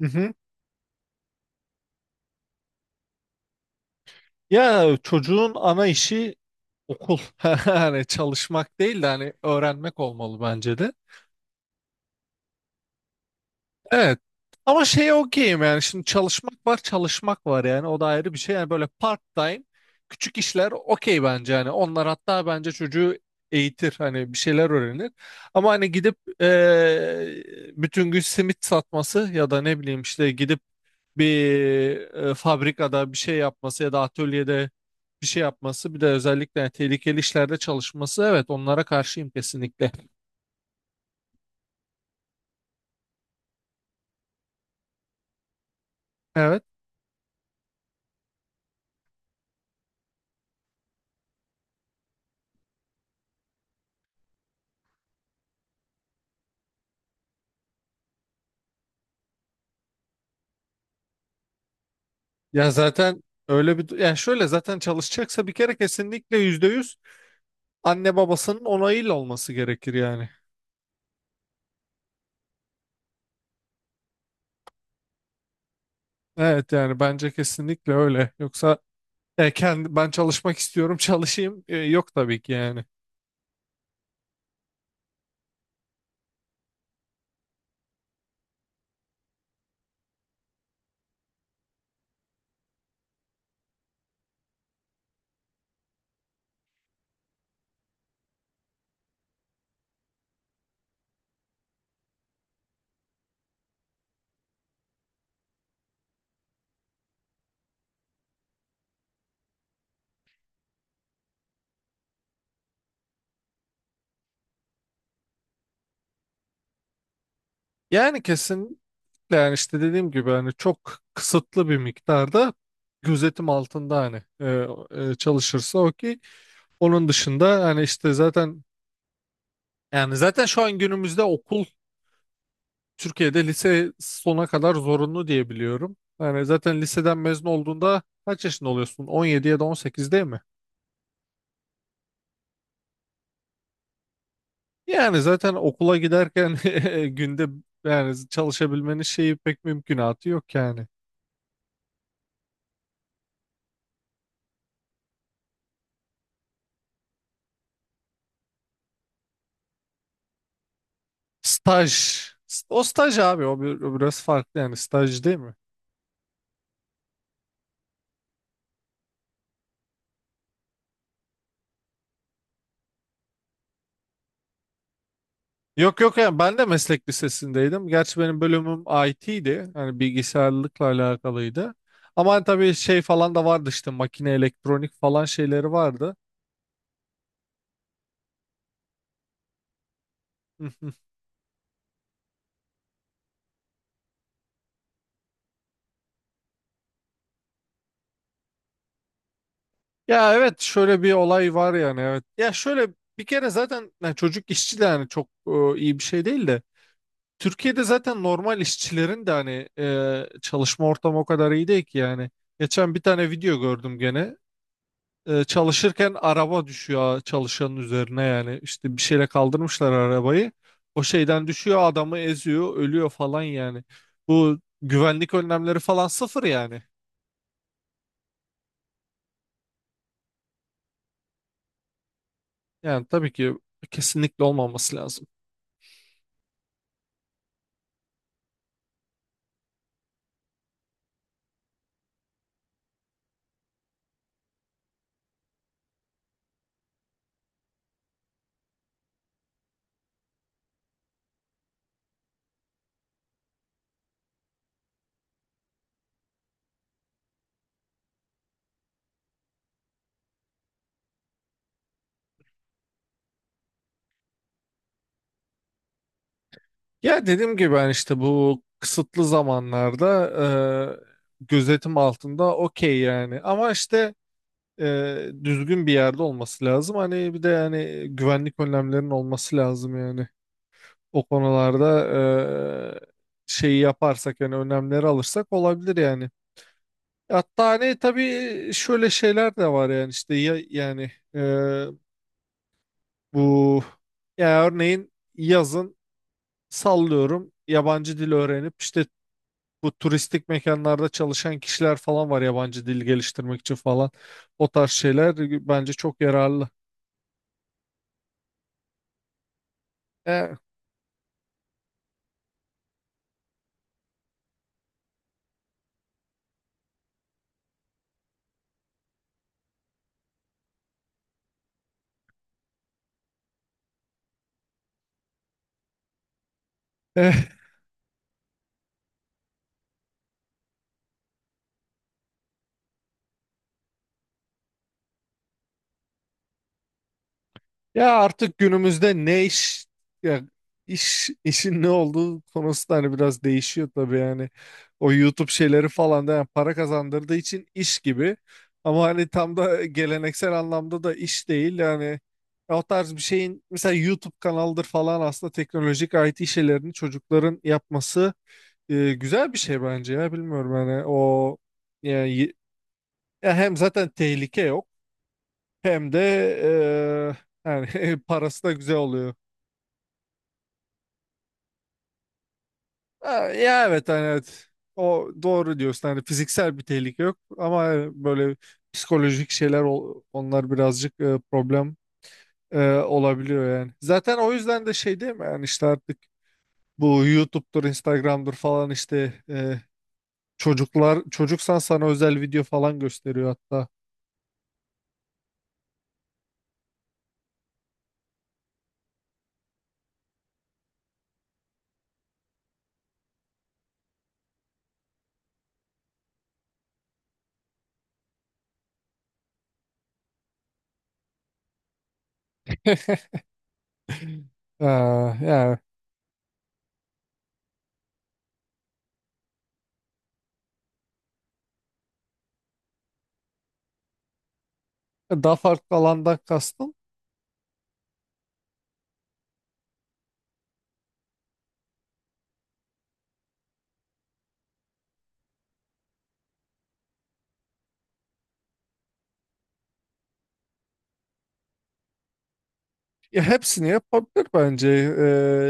Hı hı. Ya çocuğun ana işi okul. Hani çalışmak değil de hani öğrenmek olmalı bence de. Evet. Ama şey okeyim, yani şimdi çalışmak var çalışmak var, yani o da ayrı bir şey. Yani böyle part time küçük işler okey bence, hani onlar hatta bence çocuğu eğitir, hani bir şeyler öğrenir. Ama hani gidip bütün gün simit satması ya da ne bileyim işte gidip bir fabrikada bir şey yapması ya da atölyede bir şey yapması, bir de özellikle yani tehlikeli işlerde çalışması, evet onlara karşıyım kesinlikle. Evet, ya zaten öyle bir yani şöyle, zaten çalışacaksa bir kere kesinlikle %100 anne babasının onayıyla olması gerekir yani. Evet, yani bence kesinlikle öyle, yoksa kendi, ben çalışmak istiyorum çalışayım yok, tabii ki yani. Yani kesinlikle, yani işte dediğim gibi hani çok kısıtlı bir miktarda gözetim altında hani çalışırsa, o ki onun dışında hani işte zaten, yani zaten şu an günümüzde okul Türkiye'de lise sona kadar zorunlu diye biliyorum. Yani zaten liseden mezun olduğunda kaç yaşında oluyorsun? 17 ya da 18 değil mi? Yani zaten okula giderken günde, yani çalışabilmenin şeyi pek mümkünatı yok yani. Staj. O staj abi, o, o biraz farklı, yani staj değil mi? Yok yok, yani ben de meslek lisesindeydim. Gerçi benim bölümüm IT'ydi, yani bilgisayarlıkla alakalıydı. Ama hani tabii şey falan da vardı, işte makine, elektronik falan şeyleri vardı. Ya evet, şöyle bir olay var yani, evet. Ya şöyle bir kere, zaten yani çocuk işçi de yani çok iyi bir şey değil de, Türkiye'de zaten normal işçilerin de hani çalışma ortamı o kadar iyi değil ki yani. Geçen bir tane video gördüm gene. Çalışırken araba düşüyor çalışanın üzerine, yani işte bir şeyle kaldırmışlar arabayı. O şeyden düşüyor, adamı eziyor, ölüyor falan yani. Bu güvenlik önlemleri falan sıfır yani. Yani tabii ki kesinlikle olmaması lazım. Ya dediğim gibi ben işte bu kısıtlı zamanlarda gözetim altında okey yani. Ama işte düzgün bir yerde olması lazım. Hani bir de yani güvenlik önlemlerinin olması lazım yani. O konularda şeyi yaparsak, yani önlemleri alırsak olabilir yani. Hatta hani tabii şöyle şeyler de var yani, işte ya, yani bu, ya örneğin yazın sallıyorum yabancı dil öğrenip işte, bu turistik mekanlarda çalışan kişiler falan var, yabancı dil geliştirmek için falan. O tarz şeyler bence çok yararlı. E, eh, ya artık günümüzde ne iş, ya iş, işin ne olduğu konusu da hani biraz değişiyor tabii yani. O YouTube şeyleri falan da yani para kazandırdığı için iş gibi. Ama hani tam da geleneksel anlamda da iş değil yani. Ya o tarz bir şeyin, mesela YouTube kanalıdır falan, aslında teknolojik IT şeylerini çocukların yapması güzel bir şey bence ya, bilmiyorum hani o, yani ya, hem zaten tehlike yok, hem de yani parası da güzel oluyor. Ha, ya evet hani, evet. O doğru diyorsun, hani fiziksel bir tehlike yok, ama hani böyle psikolojik şeyler onlar birazcık problem olabiliyor yani. Zaten o yüzden de şey değil mi yani, işte artık bu YouTube'dur, Instagram'dır falan, işte çocuklar, çocuksan sana özel video falan gösteriyor hatta. Ee, yani daha farklı alandan kastım. Ya hepsini yapabilir bence.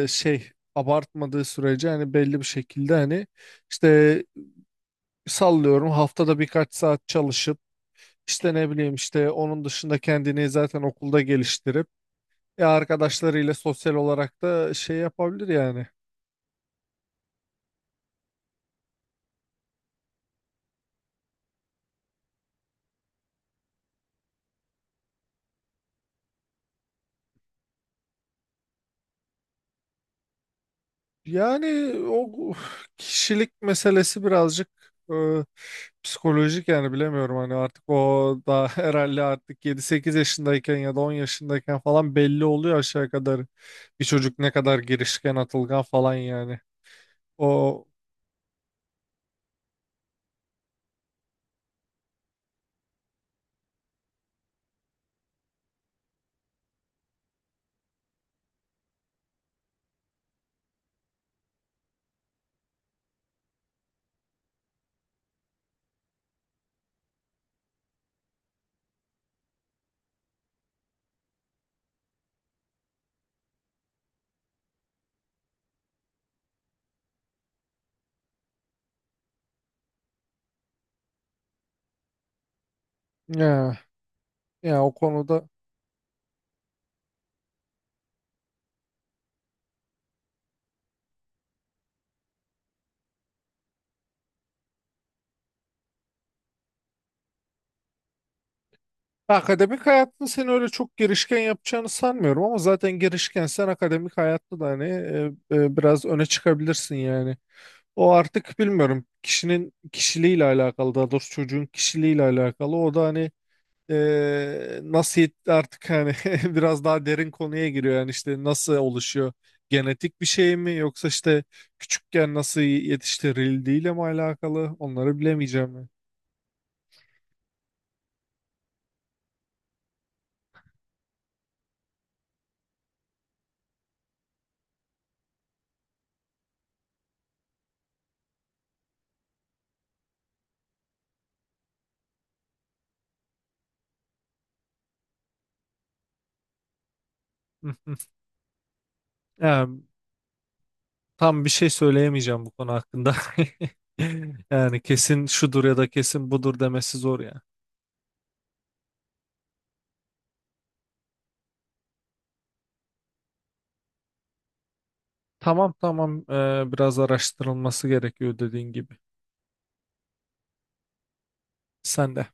Şey abartmadığı sürece, hani belli bir şekilde, hani işte sallıyorum haftada birkaç saat çalışıp işte, ne bileyim işte, onun dışında kendini zaten okulda geliştirip ya arkadaşlarıyla sosyal olarak da şey yapabilir yani. Yani o kişilik meselesi, birazcık e, psikolojik yani, bilemiyorum hani, artık o da herhalde artık 7 8 yaşındayken ya da 10 yaşındayken falan belli oluyor aşağı kadar, bir çocuk ne kadar girişken, atılgan falan yani. O, ya, ya o konuda akademik hayatta seni öyle çok girişken yapacağını sanmıyorum, ama zaten girişkensen akademik hayatta da hani biraz öne çıkabilirsin yani. O artık bilmiyorum, kişinin kişiliğiyle alakalı, daha doğrusu çocuğun kişiliğiyle alakalı, o da hani nasıl artık hani biraz daha derin konuya giriyor yani, işte nasıl oluşuyor, genetik bir şey mi yoksa işte küçükken nasıl yetiştirildiğiyle mi alakalı, onları bilemeyeceğim ben. Yani tam bir şey söyleyemeyeceğim bu konu hakkında. Yani kesin şudur ya da kesin budur demesi zor ya. Tamam, tamam, biraz araştırılması gerekiyor dediğin gibi. Sen de.